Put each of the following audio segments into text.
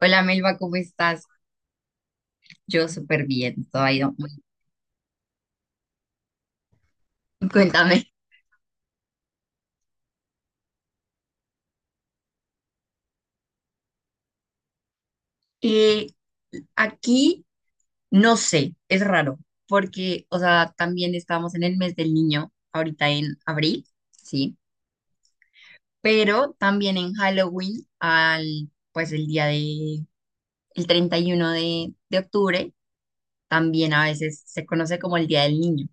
Hola Melba, ¿cómo estás? Yo súper bien, todo ha ido muy bien. Cuéntame. Eh, aquí no sé, es raro, porque, o sea, también estamos en el mes del niño, ahorita en abril, sí, pero también en Halloween, pues el 31 de octubre, también a veces se conoce como el Día del Niño.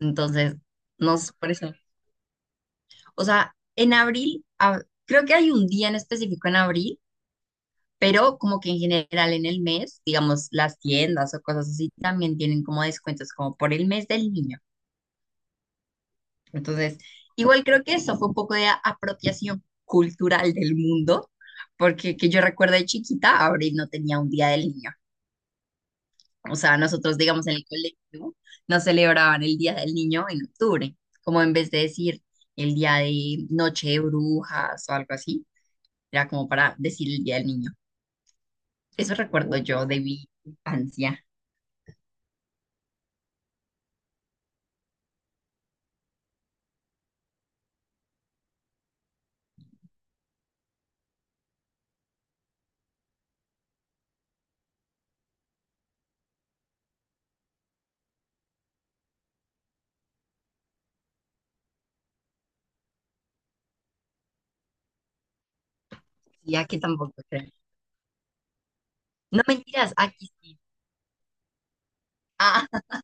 Entonces, no sé, por eso. O sea, en abril, creo que hay un día en específico en abril, pero como que en general en el mes, digamos, las tiendas o cosas así también tienen como descuentos como por el mes del niño. Entonces, igual creo que eso fue un poco de apropiación cultural del mundo, porque que yo recuerdo de chiquita, abril no tenía un día del niño. O sea, nosotros, digamos, en el colegio no celebraban el día del niño en octubre, como en vez de decir el día de noche de brujas o algo así, era como para decir el día del niño. Eso recuerdo yo de mi infancia. Sí, aquí tampoco creo. No, mentiras, aquí sí. Ah,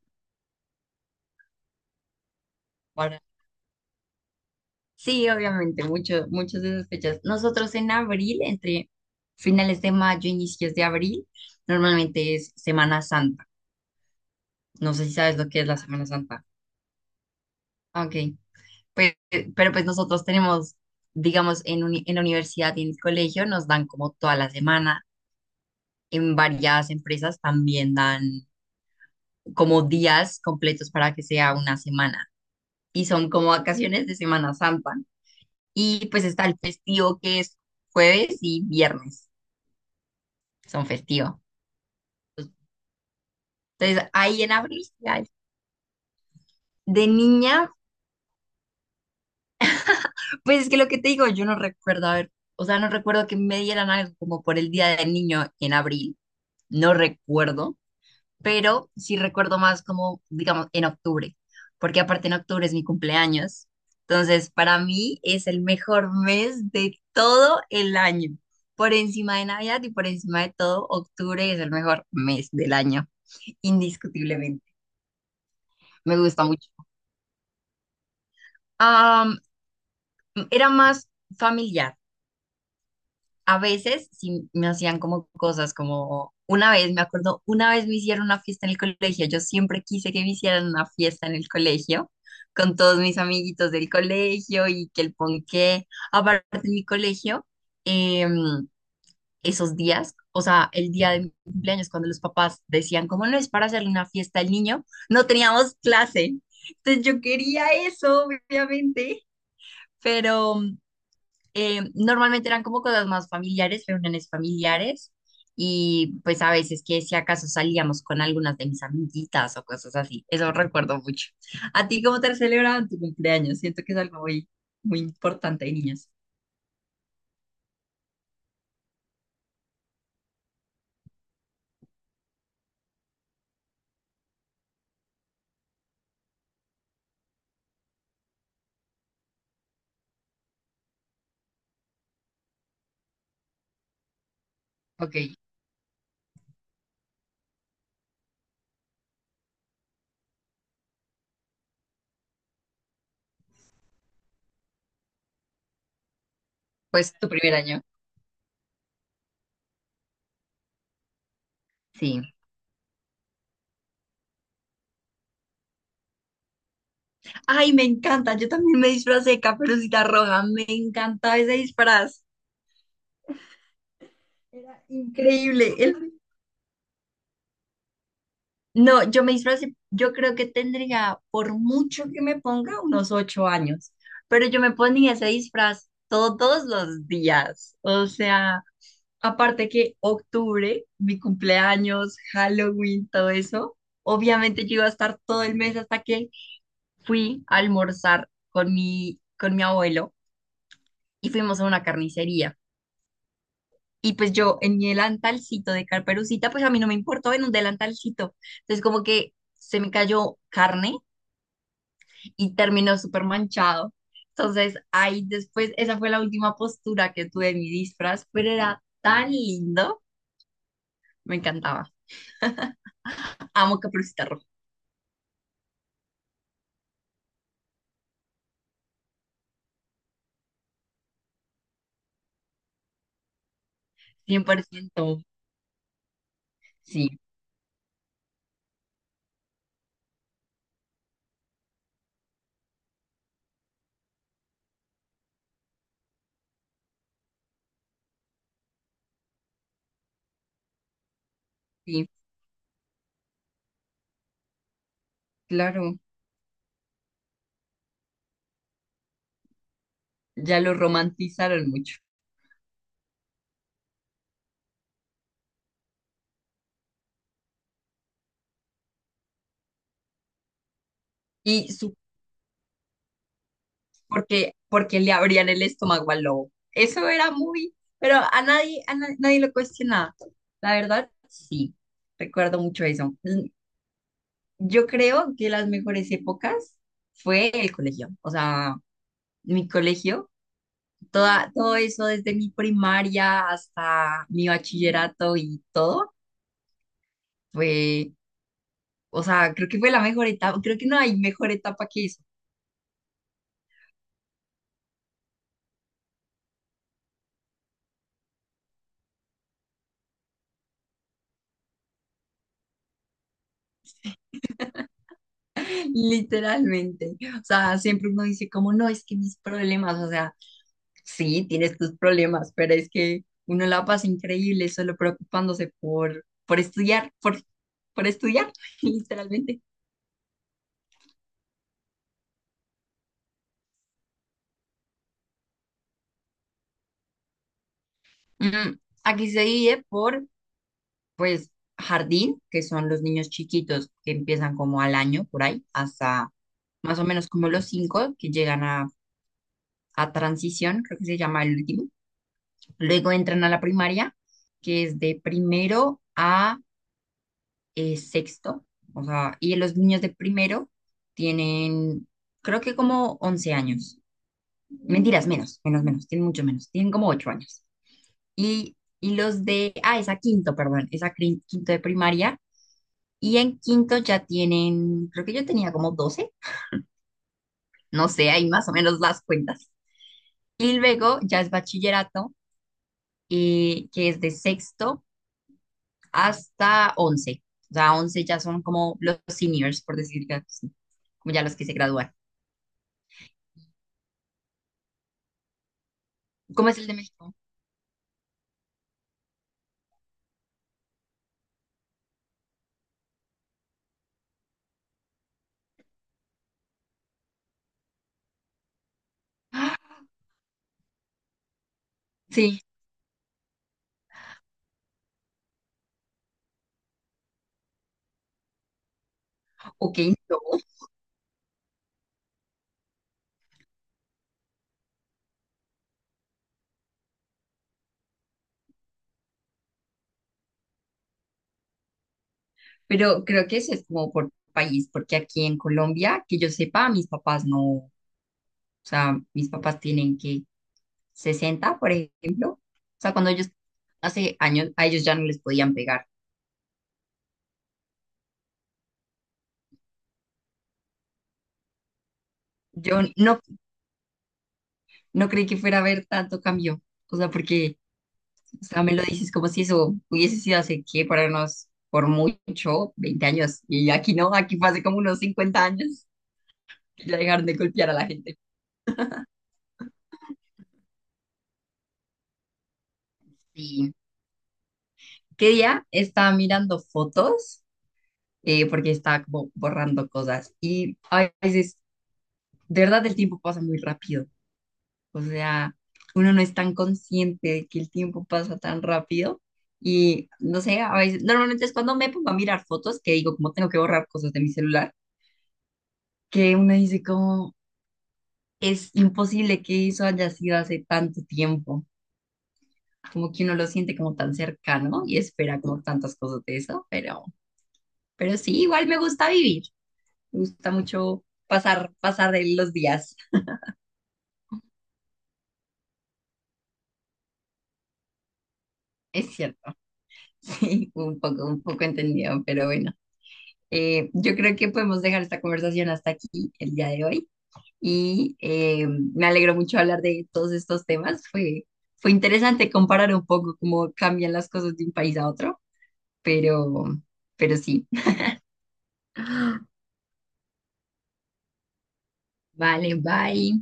ahora. Sí, obviamente, muchas de esas fechas. Nosotros en abril, entre finales de mayo, inicios de abril, normalmente es Semana Santa. No sé si sabes lo que es la Semana Santa. Ah, ok, pues, pero pues nosotros tenemos, digamos, en la universidad y en el colegio nos dan como toda la semana. En varias empresas también dan como días completos para que sea una semana. Y son como vacaciones de Semana Santa. Y pues está el festivo que es jueves y viernes, son festivos. Entonces ahí en abril, ya, de niña, pues es que lo que te digo, yo no recuerdo, a ver, o sea, no recuerdo que me dieran algo como por el Día del Niño en abril, no recuerdo, pero sí recuerdo más como, digamos, en octubre, porque aparte en octubre es mi cumpleaños. Entonces, para mí es el mejor mes de todo el año. Por encima de Navidad y por encima de todo, octubre es el mejor mes del año, indiscutiblemente. Me gusta mucho. Am, era más familiar. A veces sí me hacían como cosas como una vez, me acuerdo, una vez me hicieron una fiesta en el colegio. Yo siempre quise que me hicieran una fiesta en el colegio con todos mis amiguitos del colegio y que el ponqué. Aparte en mi colegio, em, esos días, o sea, el día de mi cumpleaños, cuando los papás decían, como ¿no es para hacerle una fiesta al niño? No teníamos clase. Entonces yo quería eso, obviamente, pero normalmente eran como cosas más familiares, reuniones familiares, y pues a veces que si acaso salíamos con algunas de mis amiguitas o cosas así, eso recuerdo mucho. ¿A ti cómo te celebraban tu cumpleaños? Siento que es algo muy, muy importante de niños. Ok, pues tu primer año. Sí. Ay, me encanta. Yo también me disfracé de Caperucita Roja. Me encantaba ese disfraz. Era increíble. No, yo me disfracé. Yo creo que tendría, por mucho que me ponga, unos 8 años. Pero yo me ponía ese disfraz todos los días. O sea, aparte que octubre, mi cumpleaños, Halloween, todo eso. Obviamente yo iba a estar todo el mes hasta que fui a almorzar con mi abuelo y fuimos a una carnicería. Y pues yo en mi delantalcito de carperucita, pues a mí no me importó en un delantalcito. Entonces como que se me cayó carne y terminó súper manchado. Entonces ahí después, esa fue la última postura que tuve en mi disfraz, pero era tan lindo, me encantaba. Amo Caperucita Roja, 100%. Sí, sí, claro, ya lo romantizaron mucho. Y porque le abrían el estómago al lobo. Eso era muy, pero a nadie, nadie lo cuestionaba. La verdad, sí, recuerdo mucho eso. Yo creo que las mejores épocas fue el colegio, o sea, mi colegio, todo eso desde mi primaria hasta mi bachillerato y todo, fue, o sea, creo que fue la mejor etapa, creo que no hay mejor etapa que eso, literalmente. O sea, siempre uno dice como, no, es que mis problemas, o sea. Sí, tienes tus problemas, pero es que uno la pasa increíble solo preocupándose por, estudiar, por estudiar, literalmente. Mm, aquí se divide por, pues, jardín, que son los niños chiquitos que empiezan como al año, por ahí, hasta más o menos como los cinco que llegan a transición, creo que se llama el último. Luego entran a la primaria, que es de primero a es sexto, o sea, y los niños de primero tienen, creo que como 11 años. Mentiras, menos, menos, menos, tienen mucho menos, tienen como 8 años. Y, y los de, esa quinto, perdón, quinto de primaria, y en quinto ya tienen, creo que yo tenía como 12, no sé, ahí más o menos las cuentas. Y luego ya es bachillerato, que es de sexto hasta once. O sea, 11 ya son como los seniors, por decir así, como ya los que se gradúan. ¿Cómo es el de México? ¡Ah! Sí, ok, no. Pero creo que eso es como por país, porque aquí en Colombia, que yo sepa, mis papás no, o sea, mis papás tienen que 60, por ejemplo. O sea, cuando ellos, hace años, a ellos ya no les podían pegar. Yo no creí que fuera a haber tanto cambio. O sea, porque, o sea, me lo dices como si eso hubiese sido hace qué, para unos, por mucho, 20 años. Y aquí no, aquí fue hace como unos 50 años que ya dejaron de golpear a la gente. Sí, ¿qué día estaba mirando fotos? Porque estaba como borrando cosas. Y a veces, de verdad, el tiempo pasa muy rápido. O sea, uno no es tan consciente de que el tiempo pasa tan rápido. Y no sé, a veces, normalmente es cuando me pongo a mirar fotos que digo, como tengo que borrar cosas de mi celular, que uno dice, como es imposible que eso haya sido hace tanto tiempo. Como que uno lo siente como tan cercano y espera como tantas cosas de eso, pero sí, igual me gusta vivir. Me gusta mucho pasar de los días. Es cierto. Sí, un poco entendido, pero bueno. Yo creo que podemos dejar esta conversación hasta aquí el día de hoy. Y me alegro mucho hablar de todos estos temas. Fue interesante comparar un poco cómo cambian las cosas de un país a otro, pero, pero sí. Vale, bye.